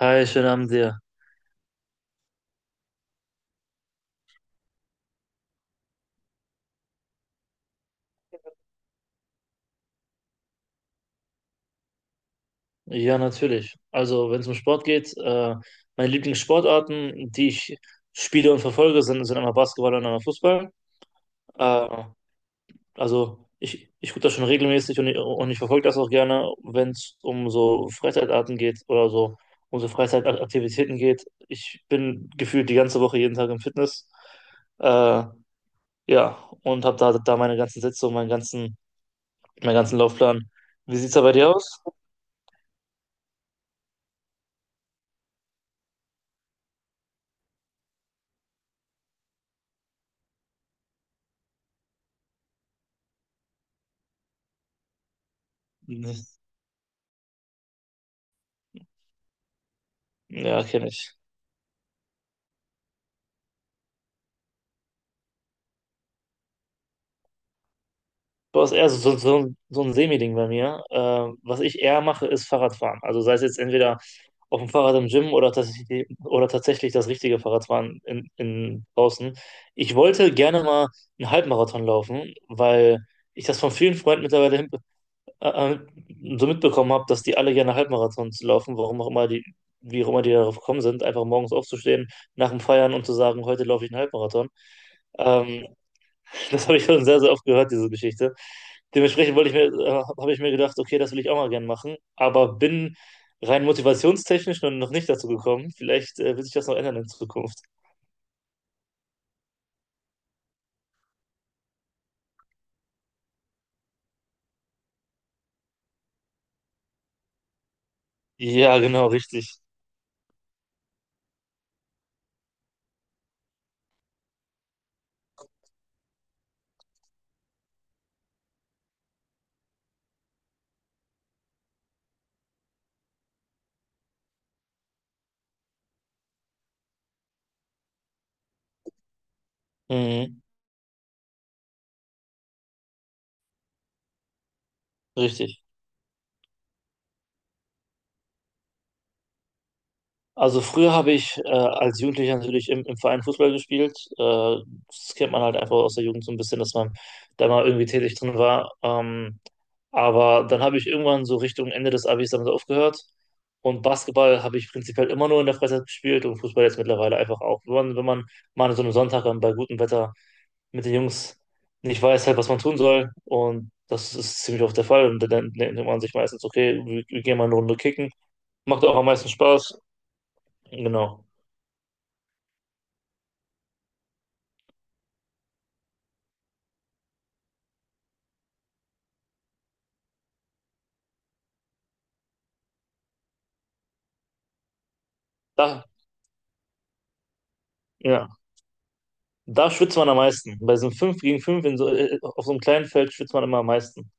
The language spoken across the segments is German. Hi, schönen Abend dir. Ja, natürlich. Also, wenn es um Sport geht, meine Lieblingssportarten, die ich spiele und verfolge, sind einmal Basketball und einmal Fußball. Äh, also, ich gucke das schon regelmäßig und ich verfolge das auch gerne. Wenn es um so Freizeitarten geht oder so, um so Freizeitaktivitäten geht. Ich bin gefühlt die ganze Woche jeden Tag im Fitness. Äh, ja, und habe da meine ganzen Sätze und meinen ganzen Laufplan. Wie sieht's da bei dir aus? Ja, kenne ich. Boah, ist eher so, so ein Semi-Ding bei mir. Was ich eher mache, ist Fahrradfahren. Also sei es jetzt entweder auf dem Fahrrad im Gym oder tatsächlich das richtige Fahrradfahren in draußen. Ich wollte gerne mal einen Halbmarathon laufen, weil ich das von vielen Freunden mittlerweile äh, äh, so mitbekommen habe, dass die alle gerne Halbmarathons laufen, warum auch immer die, wie auch immer die darauf gekommen sind, einfach morgens aufzustehen nach dem Feiern und zu sagen, heute laufe ich einen Halbmarathon. Ähm, Das habe ich schon sehr, sehr oft gehört, diese Geschichte. Dementsprechend habe ich mir gedacht, okay, das will ich auch mal gern machen, aber bin rein motivationstechnisch noch nicht dazu gekommen. Vielleicht wird sich das noch ändern in Zukunft. Ja, genau, richtig. Mhm, richtig. Also früher habe ich als Jugendlicher natürlich im Verein Fußball gespielt. Das kennt man halt einfach aus der Jugend so ein bisschen, dass man da mal irgendwie tätig drin war. Aber dann habe ich irgendwann so Richtung Ende des Abis damit aufgehört. Und Basketball habe ich prinzipiell immer nur in der Freizeit gespielt und Fußball jetzt mittlerweile einfach auch. Wenn man mal an so einem Sonntag dann bei gutem Wetter mit den Jungs nicht weiß, halt, was man tun soll. Und das ist ziemlich oft der Fall. Und dann denkt man sich meistens, okay, wir gehen mal eine Runde kicken. Macht auch am meisten Spaß. Genau. Da, ja, da schwitzt man am meisten. Bei so einem 5 gegen 5 in so, auf so einem kleinen Feld schwitzt man immer am meisten.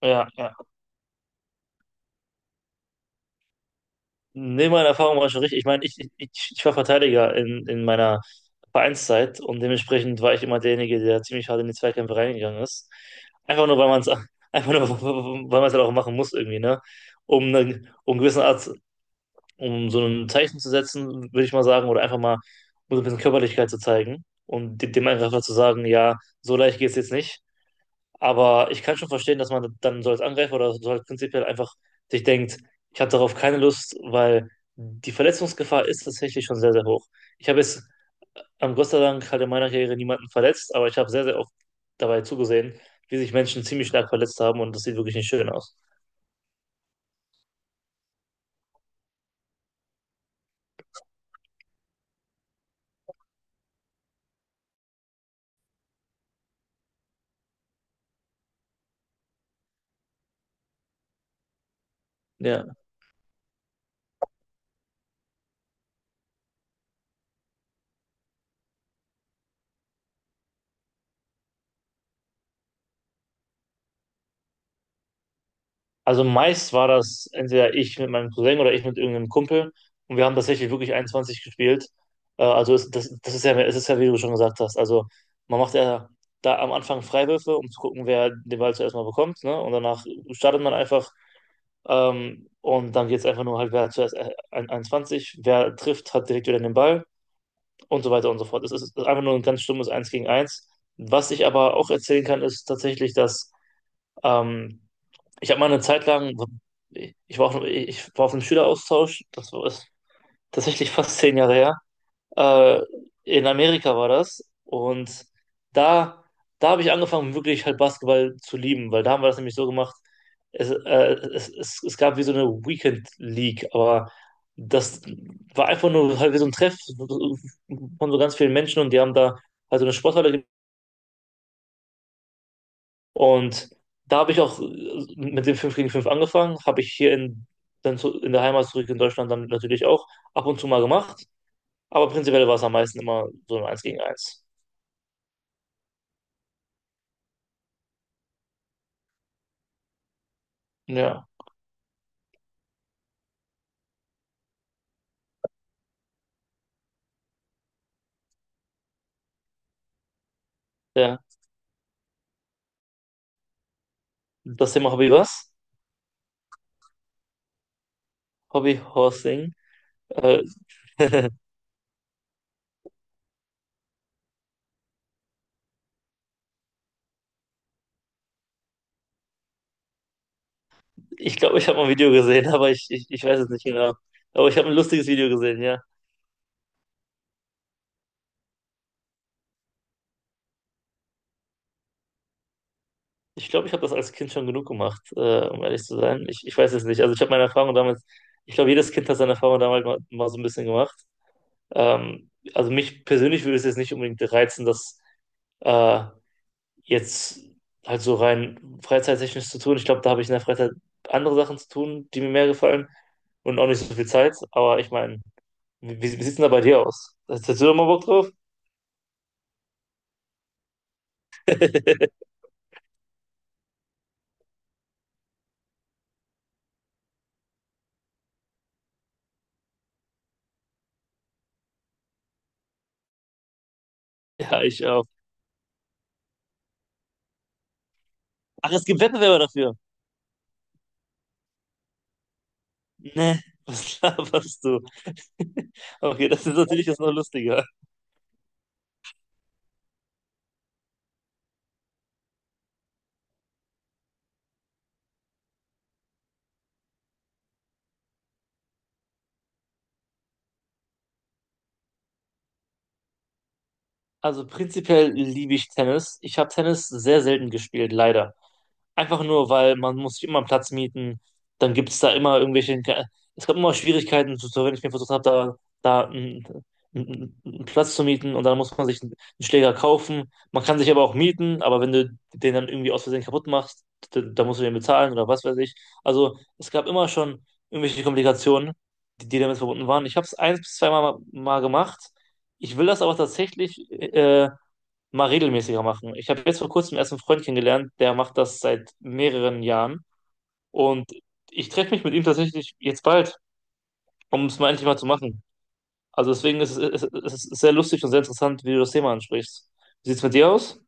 Ja, ja. Nee, meine Erfahrung war schon richtig. Ich meine, ich war Verteidiger in meiner Vereinszeit und dementsprechend war ich immer derjenige, der ziemlich hart in die Zweikämpfe reingegangen ist. Einfach nur, weil man es einfach nur, weil man es halt auch machen muss irgendwie, ne? Um eine gewisse Art, um so ein Zeichen zu setzen, würde ich mal sagen, oder einfach mal um so ein bisschen Körperlichkeit zu zeigen und dem Angreifer zu sagen, ja, so leicht geht es jetzt nicht. Aber ich kann schon verstehen, dass man dann so als Angreifer oder so halt prinzipiell einfach sich denkt, ich habe darauf keine Lust, weil die Verletzungsgefahr ist tatsächlich schon sehr, sehr hoch. Ich habe jetzt, Gott sei Dank, halt in meiner Karriere niemanden verletzt, aber ich habe sehr, sehr oft dabei zugesehen, wie sich Menschen ziemlich stark verletzt haben und das sieht wirklich nicht schön aus. Ja. Also meist war das entweder ich mit meinem Cousin oder ich mit irgendeinem Kumpel. Und wir haben tatsächlich wirklich 21 gespielt. Das ist ja, es ist ja, wie du schon gesagt hast. Also man macht ja da am Anfang Freiwürfe, um zu gucken, wer den Ball zuerst mal bekommt. Ne? Und danach startet man einfach. Und dann geht es einfach nur halt, wer hat zuerst 21, wer trifft, hat direkt wieder den Ball und so weiter und so fort. Es ist einfach nur ein ganz stummes Eins gegen eins. Was ich aber auch erzählen kann, ist tatsächlich, dass ähm, ich habe mal eine Zeit lang, so, ich war auf einem Schüleraustausch, das war ist tatsächlich fast 10 Jahre her. Äh, in Amerika war das. Und da, da habe ich angefangen, wirklich halt Basketball zu lieben, weil da haben wir das nämlich so gemacht. Es, äh, es gab wie so eine Weekend League, aber das war einfach nur halt wie so ein Treff von so ganz vielen Menschen und die haben da halt so eine Sporthalle. Und da habe ich auch mit dem 5 gegen 5 angefangen, habe ich hier in, dann zu, in der Heimat zurück in Deutschland dann natürlich auch ab und zu mal gemacht, aber prinzipiell war es am meisten immer so ein eins gegen eins. Ja, ja. Das Thema Hobby was? Hobby Horsing. Äh, ich glaube, ich habe mal ein Video gesehen, aber ich weiß es nicht genau. Aber ich habe ein lustiges Video gesehen, ja. Ich glaube, ich habe das als Kind schon genug gemacht, um ehrlich zu sein. Ich weiß es nicht. Also ich habe meine Erfahrung damals, ich glaube, jedes Kind hat seine Erfahrung damals mal, mal so ein bisschen gemacht. Also mich persönlich würde es jetzt nicht unbedingt reizen, das äh, jetzt halt so rein freizeittechnisch zu tun. Ich glaube, da habe ich in der Freizeit andere Sachen zu tun, die mir mehr gefallen und auch nicht so viel Zeit. Aber ich meine, wie sieht es denn da bei dir aus? Hast du da mal Bock drauf? Ja, ich auch. Ach, es gibt Wettbewerber dafür. Ne, was laberst du? Okay, das ist natürlich jetzt noch lustiger. Also prinzipiell liebe ich Tennis. Ich habe Tennis sehr selten gespielt, leider. Einfach nur, weil man muss sich immer einen Platz mieten. Dann gibt es da immer irgendwelche. Es gab immer Schwierigkeiten, so so wenn ich mir versucht habe, da, da einen, einen einen Platz zu mieten und dann muss man sich einen Schläger kaufen. Man kann sich aber auch mieten, aber wenn du den dann irgendwie aus Versehen kaputt machst, da musst du den bezahlen oder was weiß ich. Also es gab immer schon irgendwelche Komplikationen, die damit verbunden waren. Ich habe es eins bis zweimal mal gemacht. Ich will das aber tatsächlich mal regelmäßiger machen. Ich habe jetzt vor kurzem erst einen Freund kennengelernt, der macht das seit mehreren Jahren. Und ich treffe mich mit ihm tatsächlich jetzt bald, um es mal endlich mal zu machen. Also deswegen ist es sehr lustig und sehr interessant, wie du das Thema ansprichst. Wie sieht es mit dir aus?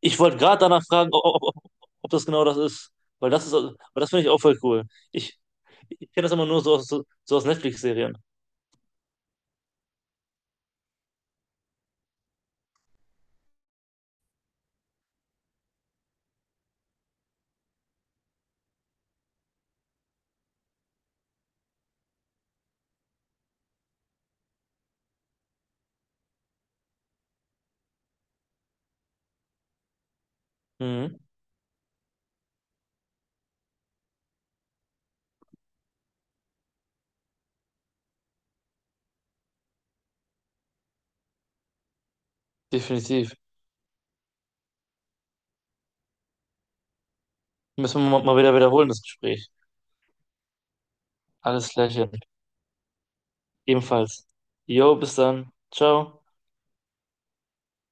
Ich wollte gerade danach fragen, ob das genau das ist. Weil das ist, weil das finde ich auch voll cool. Ich, ich kenne das immer nur so aus, so aus Netflix-Serien. Mhm, definitiv. Müssen wir mal wieder wiederholen, das Gespräch. Alles Gleiche. Ebenfalls. Jo, bis dann. Ciao.